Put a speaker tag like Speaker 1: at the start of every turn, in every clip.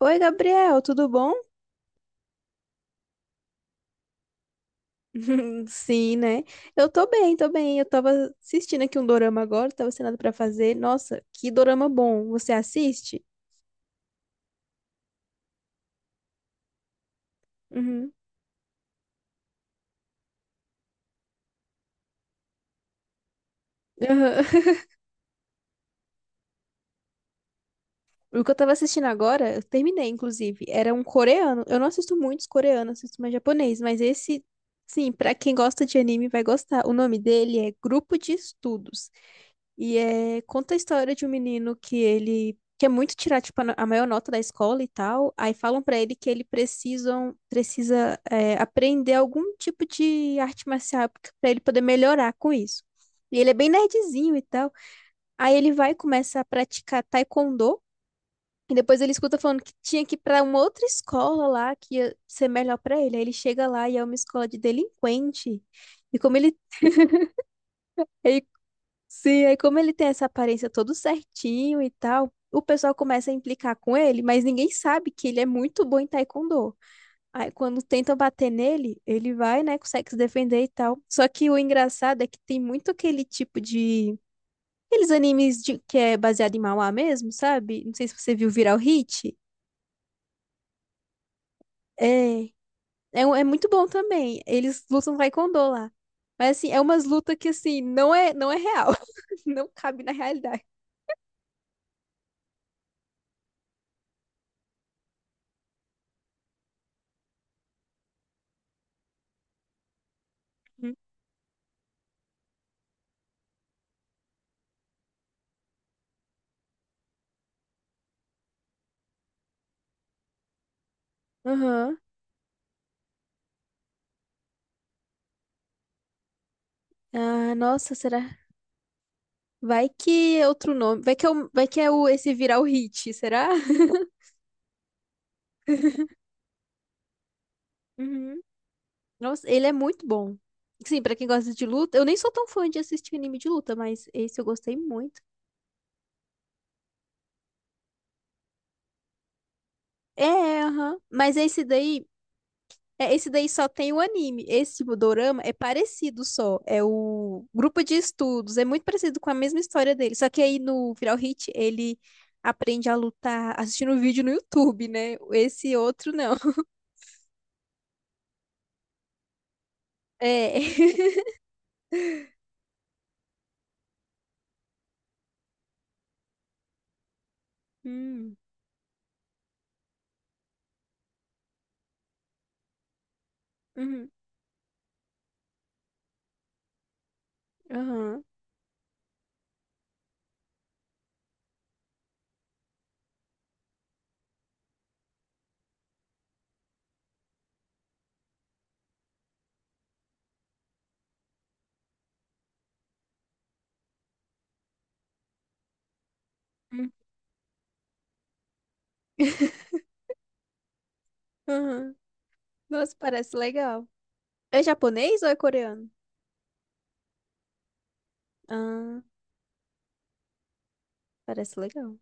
Speaker 1: Oi, Gabriel, tudo bom? Sim, né? Eu tô bem. Eu tava assistindo aqui um dorama agora, tava sem nada pra fazer. Nossa, que dorama bom. Você assiste? Uhum. Aham. O que eu tava assistindo agora, eu terminei, inclusive. Era um coreano. Eu não assisto muitos coreanos, assisto mais japonês, mas esse, sim, pra quem gosta de anime vai gostar. O nome dele é Grupo de Estudos. E é, conta a história de um menino que ele quer muito tirar tipo, a no- a maior nota da escola e tal. Aí falam pra ele que precisa é, aprender algum tipo de arte marcial pra ele poder melhorar com isso. E ele é bem nerdzinho e tal. Aí ele vai e começa a praticar taekwondo. E depois ele escuta falando que tinha que ir pra uma outra escola lá que ia ser melhor pra ele. Aí ele chega lá e é uma escola de delinquente. E como ele, Sim, aí como ele tem essa aparência todo certinho e tal, o pessoal começa a implicar com ele, mas ninguém sabe que ele é muito bom em taekwondo. Aí quando tentam bater nele, ele vai, né, consegue se defender e tal. Só que o engraçado é que tem muito aquele tipo de... Aqueles animes de... que é baseado em manhwa mesmo, sabe? Não sei se você viu Viral Hit. É, é muito bom também. Eles lutam taekwondo lá. Mas assim, é umas lutas que assim, não é real. Não cabe na realidade. Aham. Ah, nossa, será? Vai que é outro nome. Vai que é, o, vai que é o, esse virar o hit, será? Uhum. Nossa, ele é muito bom. Sim, pra quem gosta de luta, eu nem sou tão fã de assistir anime de luta, mas esse eu gostei muito. É, aham. Mas esse daí, é, esse daí só tem o anime. Esse tipo dorama é parecido só. É o grupo de estudos, é muito parecido com a mesma história dele. Só que aí no Viral Hit ele aprende a lutar assistindo vídeo no YouTube, né? Esse outro não. É. Hum, uhum, aham, hum, aham. Nossa, parece legal. É japonês ou é coreano? Ah, parece legal.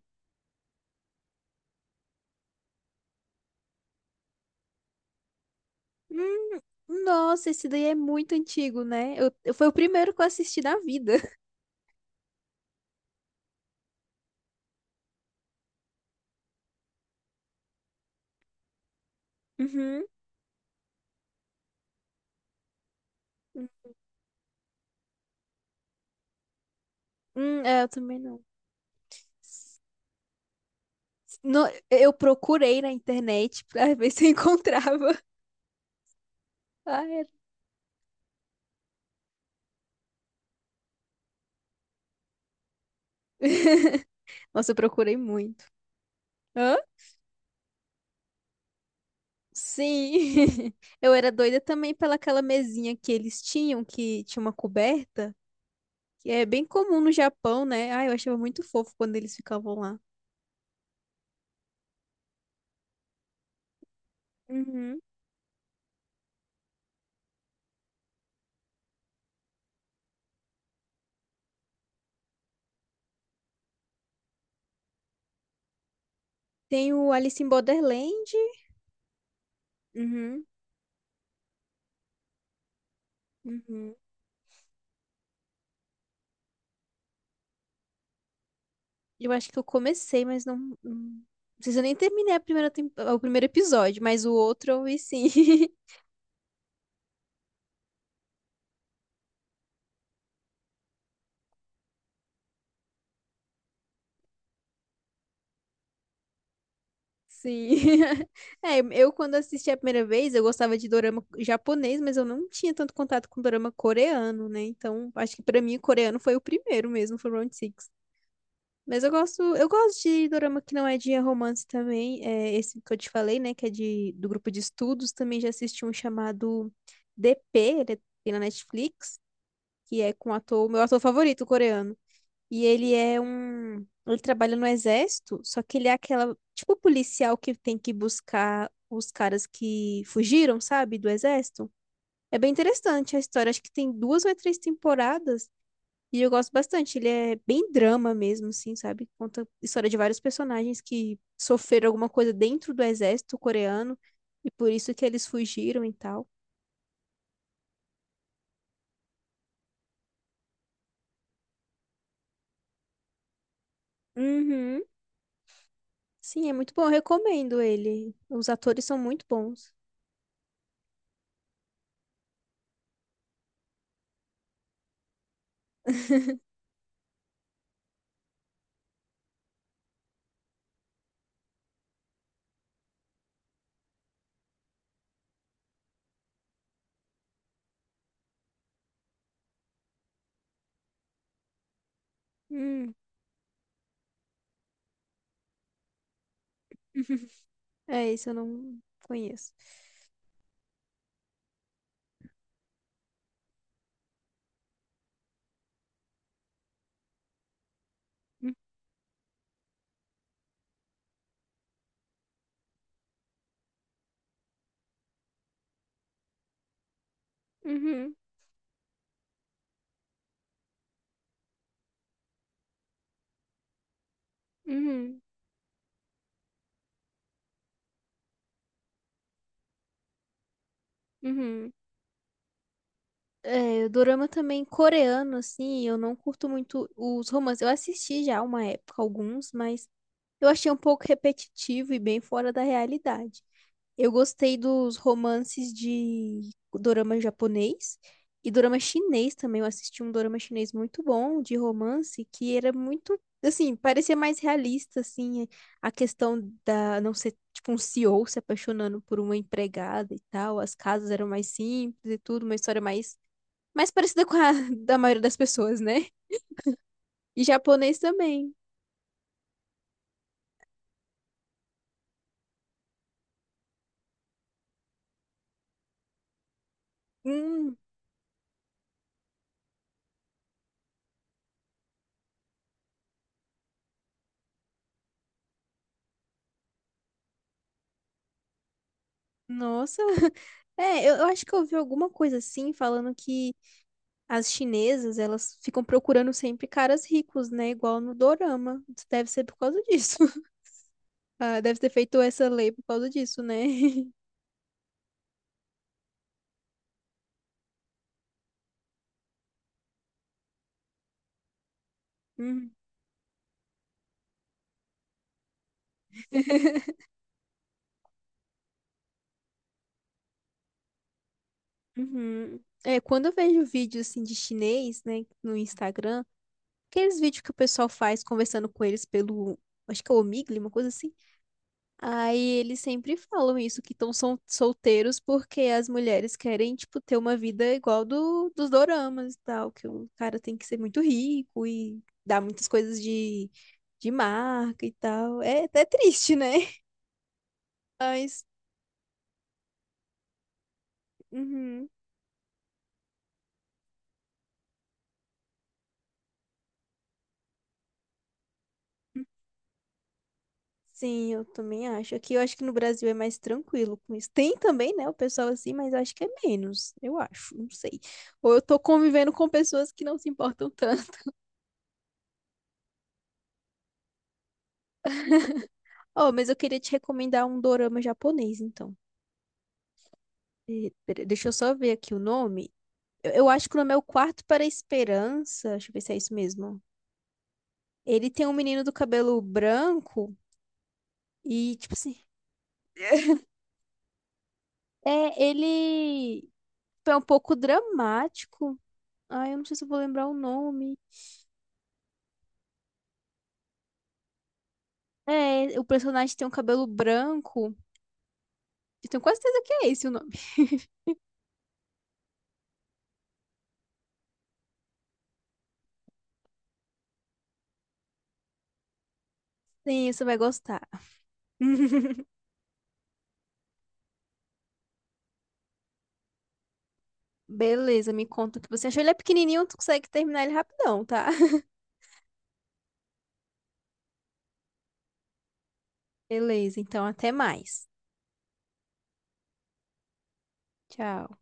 Speaker 1: Hum, nossa, esse daí é muito antigo, né? Foi o primeiro que eu assisti na vida. Uhum. É, eu também não. S- eu procurei na internet pra ver se eu encontrava. Ah, era. Nossa, eu procurei muito. Hã? Sim. Eu era doida também pela aquela mesinha que eles tinham, que tinha uma coberta. Que é bem comum no Japão, né? Ah, eu achava muito fofo quando eles ficavam lá. Uhum. Tem o Alice in Borderland. Uhum, uhum. Eu acho que eu comecei, mas não. Não, não sei se eu nem terminei a o primeiro episódio, mas o outro eu vi sim. Sim. É, eu quando assisti a primeira vez, eu gostava de dorama japonês, mas eu não tinha tanto contato com dorama coreano, né? Então, acho que pra mim o coreano foi o primeiro mesmo, foi o Round Six. Mas eu gosto de dorama que não é de romance também. É esse que eu te falei, né? Que é de, do grupo de estudos. Também já assisti um chamado DP, ele tem na Netflix, que é com o ator, meu ator favorito, coreano. E ele é um. Ele trabalha no exército, só que ele é aquela, tipo, policial que tem que buscar os caras que fugiram, sabe, do exército. É bem interessante a história. Acho que tem duas ou três temporadas. E eu gosto bastante. Ele é bem drama mesmo, assim, sabe? Conta história de vários personagens que sofreram alguma coisa dentro do exército coreano e por isso que eles fugiram e tal. Uhum. Sim, é muito bom. Eu recomendo ele. Os atores são muito bons. Hum. É, isso eu não conheço. Uhum, uhum, uhum. É, o dorama também coreano, assim, eu não curto muito os romances. Eu assisti já uma época alguns, mas eu achei um pouco repetitivo e bem fora da realidade. Eu gostei dos romances de dorama japonês e dorama chinês também. Eu assisti um dorama chinês muito bom de romance que era muito, assim, parecia mais realista, assim, a questão da não ser tipo um CEO se apaixonando por uma empregada e tal. As casas eram mais simples e tudo, uma história mais mais parecida com a da maioria das pessoas, né? E japonês também. Hum. Nossa, eu acho que eu ouvi alguma coisa assim, falando que as chinesas, elas ficam procurando sempre caras ricos, né? Igual no dorama. Isso deve ser por causa disso. Ah, deve ter feito essa lei por causa disso, né? Uhum. Uhum. É, quando eu vejo vídeos assim de chinês, né, no Instagram, aqueles vídeos que o pessoal faz conversando com eles pelo, acho que é o Omegle, uma coisa assim. Aí eles sempre falam isso, que estão solteiros porque as mulheres querem, tipo, ter uma vida igual do, dos doramas e tal, que o cara tem que ser muito rico e dar muitas coisas de marca e tal. É até triste, né? Mas, uhum. Sim, eu também acho. Aqui eu acho que no Brasil é mais tranquilo com isso. Tem também, né, o pessoal assim, mas eu acho que é menos, eu acho, não sei. Ou eu tô convivendo com pessoas que não se importam tanto. Oh, mas eu queria te recomendar um dorama japonês, então. E, deixa eu só ver aqui o nome. Eu acho que o nome é O Quarto para a Esperança. Deixa eu ver se é isso mesmo. Ele tem um menino do cabelo branco e, tipo assim, é, ele é um pouco dramático. Ai, eu não sei se eu vou lembrar o nome. É, o personagem tem um cabelo branco. Eu tenho quase certeza que é esse o nome. Sim, você vai gostar. Beleza, me conta o que você achou. Ele é pequenininho, tu consegue terminar ele rapidão, tá? Beleza, então até mais. Tchau.